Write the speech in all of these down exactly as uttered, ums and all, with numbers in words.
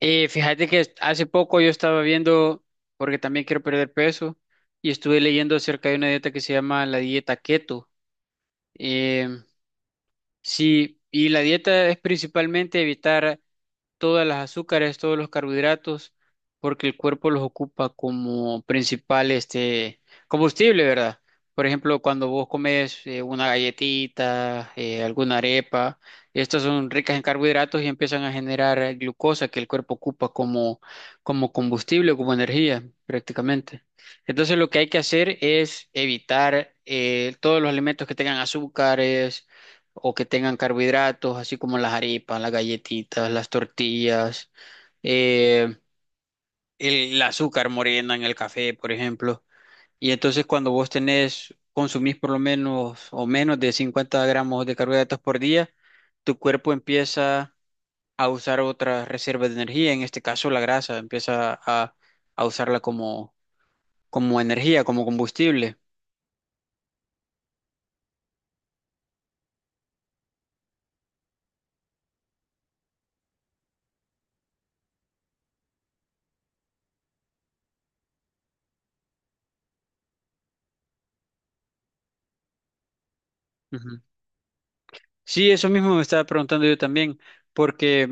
Eh, fíjate que hace poco yo estaba viendo, porque también quiero perder peso, y estuve leyendo acerca de una dieta que se llama la dieta keto. Em, sí, y la dieta es principalmente evitar todas las azúcares, todos los carbohidratos, porque el cuerpo los ocupa como principal este combustible, ¿verdad? Por ejemplo, cuando vos comes eh, una galletita, eh, alguna arepa, estas son ricas en carbohidratos y empiezan a generar glucosa que el cuerpo ocupa como, como combustible, como energía, prácticamente. Entonces, lo que hay que hacer es evitar eh, todos los alimentos que tengan azúcares o que tengan carbohidratos, así como las arepas, las galletitas, las tortillas, eh, el, el azúcar morena en el café, por ejemplo. Y entonces cuando vos tenés, consumís por lo menos o menos de cincuenta gramos de carbohidratos por día, tu cuerpo empieza a usar otras reservas de energía, en este caso la grasa, empieza a, a usarla como, como energía, como combustible. Ujú. Sí, eso mismo me estaba preguntando yo también, porque.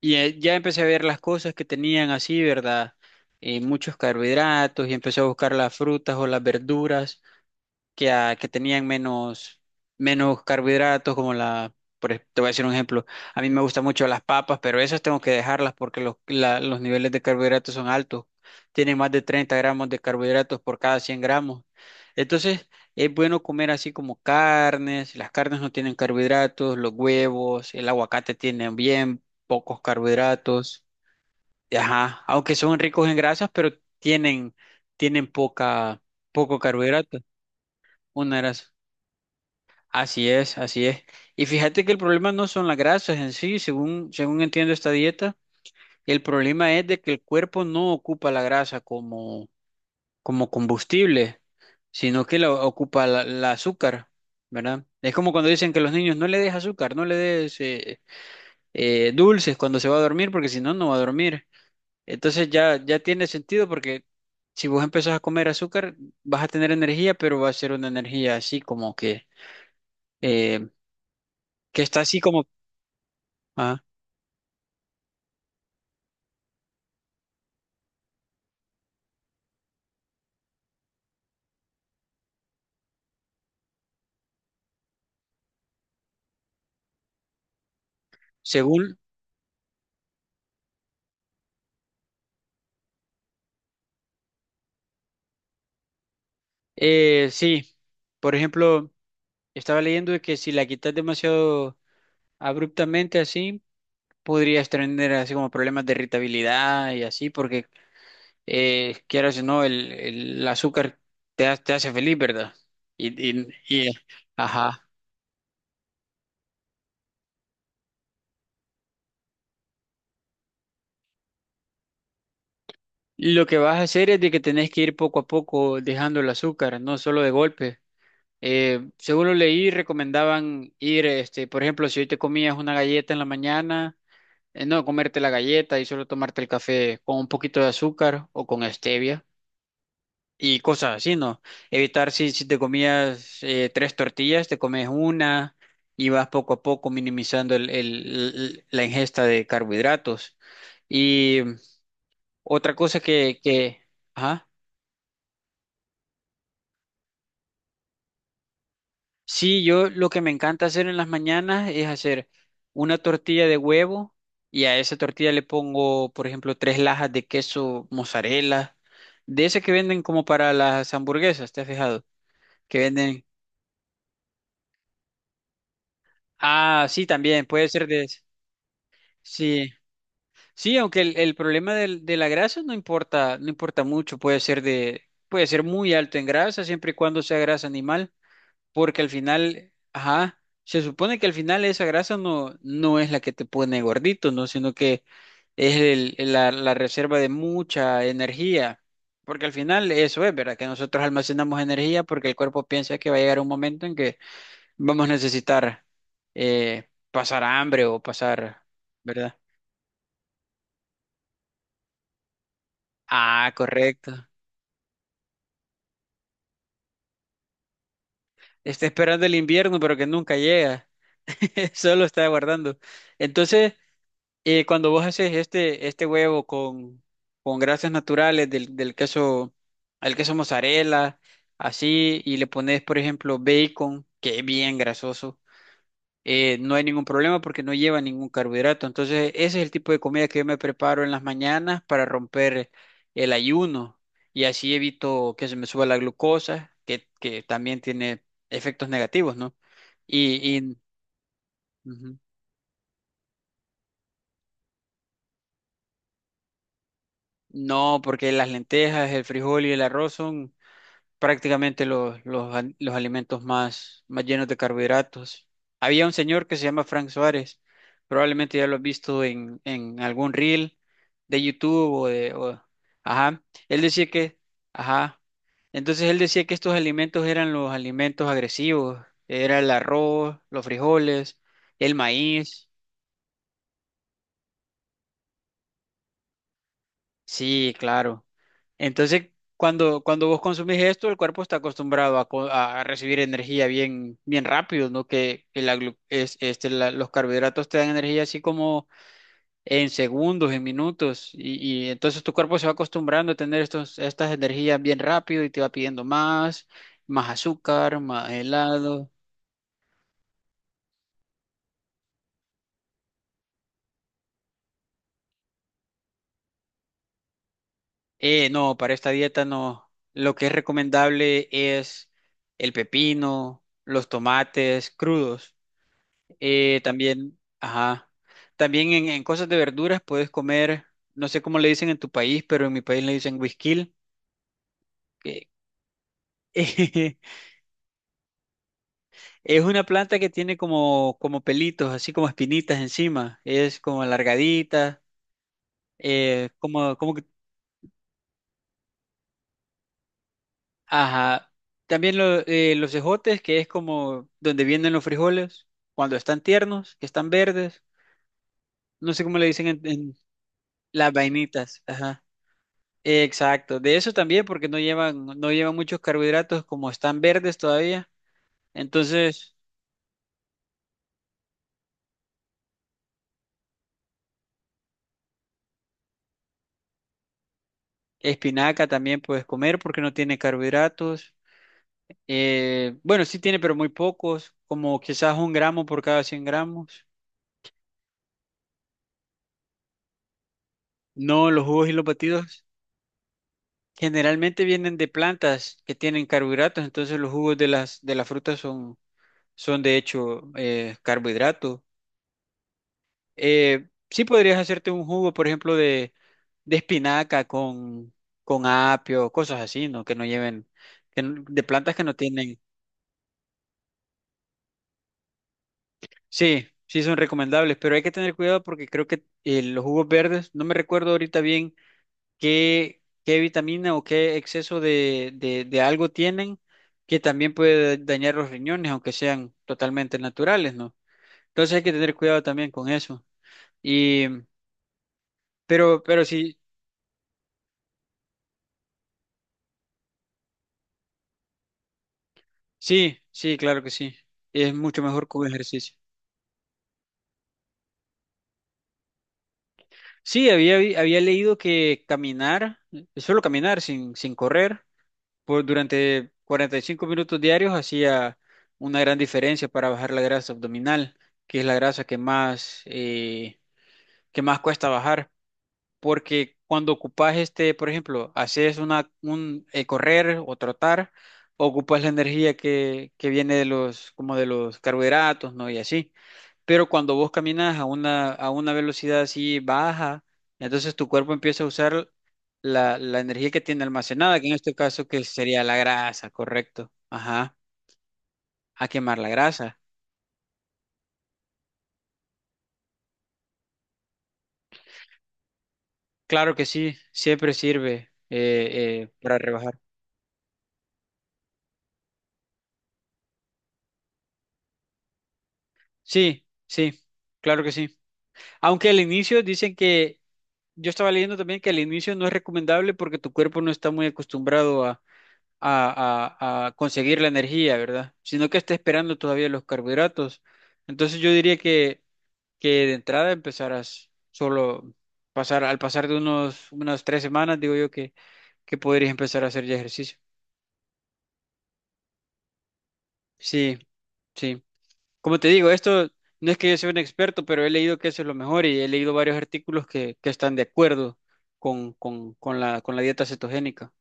Y eh, ya empecé a ver las cosas que tenían así, ¿verdad? Eh, muchos carbohidratos y empecé a buscar las frutas o las verduras que, a- que tenían menos, menos carbohidratos, como la, por ej- te voy a decir un ejemplo. A mí me gustan mucho las papas, pero esas tengo que dejarlas porque los, la- los niveles de carbohidratos son altos, tienen más de treinta gramos de carbohidratos por cada cien gramos. Entonces, es bueno comer así como carnes, las carnes no tienen carbohidratos, los huevos, el aguacate tienen bien pocos carbohidratos, ajá, aunque son ricos en grasas, pero tienen, tienen poca, poco carbohidrato, una grasa. Así es, así es. Y fíjate que el problema no son las grasas en sí, según, según entiendo esta dieta, el problema es de que el cuerpo no ocupa la grasa como, como combustible, sino que la ocupa la, la azúcar, ¿verdad? Es como cuando dicen que los niños no le des azúcar, no le des eh, eh, dulces cuando se va a dormir, porque si no, no va a dormir. Entonces ya, ya tiene sentido porque si vos empezás a comer azúcar, vas a tener energía, pero va a ser una energía así como que, eh, que está así como... Según, eh, sí, por ejemplo, estaba leyendo de que si la quitas demasiado abruptamente así, podrías tener así como problemas de irritabilidad y así, porque eh, quieras o no, el, el azúcar te, ha- te hace feliz, ¿verdad? Y, y, y- ajá. Lo que vas a hacer es de que tenés que ir poco a poco dejando el azúcar, no solo de golpe. Eh, según lo leí, recomendaban ir, este, por ejemplo, si hoy te comías una galleta en la mañana eh, no comerte la galleta y solo tomarte el café con un poquito de azúcar o con stevia y cosas así, ¿no? Evitar si, si te comías eh, tres tortillas, te comes una y vas poco a poco minimizando el- el- el- la ingesta de carbohidratos. Y otra cosa que, que, Ajá. Sí, yo lo que me encanta hacer en las mañanas es hacer una tortilla de huevo y a esa tortilla le pongo, por ejemplo, tres lajas de queso mozzarella, de ese que venden como para las hamburguesas, ¿te has fijado? Que venden. Ah, sí, también puede ser de ese. Sí, sí, aunque el, el problema del- de la grasa no importa, no importa mucho, puede ser de, puede ser muy alto en grasa siempre y cuando sea grasa animal. Porque al final, ajá, se supone que al final esa grasa no, no es la que te pone gordito, ¿no? Sino que es el- la, la reserva de mucha energía. Porque al final eso es, ¿verdad? Que nosotros almacenamos energía porque el cuerpo piensa que va a llegar un momento en que vamos a necesitar eh, pasar hambre o pasar, ¿verdad? Ah, correcto. Está esperando el invierno, pero que nunca llega. Solo está aguardando. Entonces... Y cuando vos haces este, este huevo con, con grasas naturales del, del queso, al queso mozzarella, así, y le pones, por ejemplo, bacon, que es bien grasoso, eh, no hay ningún problema porque no lleva ningún carbohidrato. Entonces, ese es el tipo de comida que yo me preparo en las mañanas para romper el ayuno y así evito que se me suba la glucosa, que, que también tiene efectos negativos, ¿no? Y, y Ujú. No, porque las lentejas, el frijol y el arroz son prácticamente los, los, al- los alimentos más, más llenos de carbohidratos. Había un señor que se llama Frank Suárez, probablemente ya lo has visto en, en algún reel de YouTube o de... o- ajá, él decía que... Ajá. Entonces él decía que estos alimentos eran los alimentos agresivos, era el arroz, los frijoles, el maíz. Sí, claro. Entonces, cuando, cuando vos consumís esto, el cuerpo está acostumbrado a, co- a recibir energía bien, bien rápido, ¿no? Que, que la glu- es- este, la- los carbohidratos te dan energía así como en segundos, en minutos, y, y entonces tu cuerpo se va acostumbrando a tener estos, estas energías bien rápido y te va pidiendo más, más azúcar, más helado. Eh, no, para esta dieta no. Lo que es recomendable es el pepino, los tomates crudos. Eh, también, ajá. También en, en cosas de verduras puedes comer, no sé cómo le dicen en tu país, pero en mi país le dicen güisquil, que es una planta que tiene como, como pelitos, así como espinitas encima. Es como alargadita, eh, como, como que, ajá. También lo- eh, los ejotes, que es como donde vienen los frijoles, cuando están tiernos, que están verdes. No sé cómo le dicen en, en las vainitas, ajá. Exacto, de eso también, porque no llevan, no llevan muchos carbohidratos, como están verdes todavía. Entonces, espinaca también puedes comer porque no tiene carbohidratos. Eh, bueno, sí tiene, pero muy pocos, como quizás un gramo por cada cien gramos. No, los jugos y los batidos generalmente vienen de plantas que tienen carbohidratos, entonces los jugos de las, de las frutas son, son de hecho, eh, carbohidratos. Eh, sí podrías hacerte un jugo, por ejemplo, de, de espinaca con, con apio, cosas así, ¿no? Que no lleven, que no- de plantas que no tienen. Sí, sí son recomendables, pero hay que tener cuidado porque creo que eh, los jugos verdes, no me recuerdo ahorita bien qué, qué vitamina o qué exceso de, de, de algo tienen que también puede dañar los riñones, aunque sean totalmente naturales, ¿no? Entonces hay que tener cuidado también con eso. Y, pero, pero sí Sí, sí, claro que sí. Es mucho mejor con ejercicio. Sí, había, vi- había leído que caminar, solo caminar sin, sin correr, por, durante cuarenta y cinco minutos diarios hacía una gran diferencia para bajar la grasa abdominal, que es la grasa que más, eh, que más cuesta bajar. Porque cuando ocupas este, por ejemplo, haces una, un eh, correr o trotar, ocupas la energía que, que viene de los, como de los carbohidratos, ¿no? Y así. Pero cuando vos caminas a una, a una velocidad así baja, entonces tu cuerpo empieza a usar la, la energía que tiene almacenada, que en este caso que sería la grasa, correcto. Ajá, a quemar la grasa. Claro que sí, siempre sirve eh, eh, para rebajar. Sí, sí, claro que sí. Aunque al inicio dicen que, yo estaba leyendo también que al inicio no es recomendable porque tu cuerpo no está muy acostumbrado a, a- a conseguir la energía, ¿verdad? Sino que está esperando todavía los carbohidratos. Entonces yo diría que, que de entrada empezarás solo pasar, al pasar de unos, unas tres semanas, digo yo que, que podrías empezar a hacer ya ejercicio. Sí, sí. Como te digo, esto no es que yo sea un experto, pero he leído que eso es lo mejor y he leído varios artículos que, que están de acuerdo con, con, con la, con la dieta cetogénica.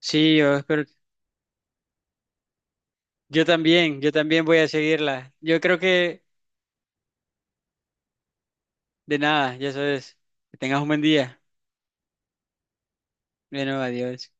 Sí, yo espero- yo también, yo también voy a seguirla. Yo creo que De nada, ya sabes. Que tengas un buen día. Bueno, adiós.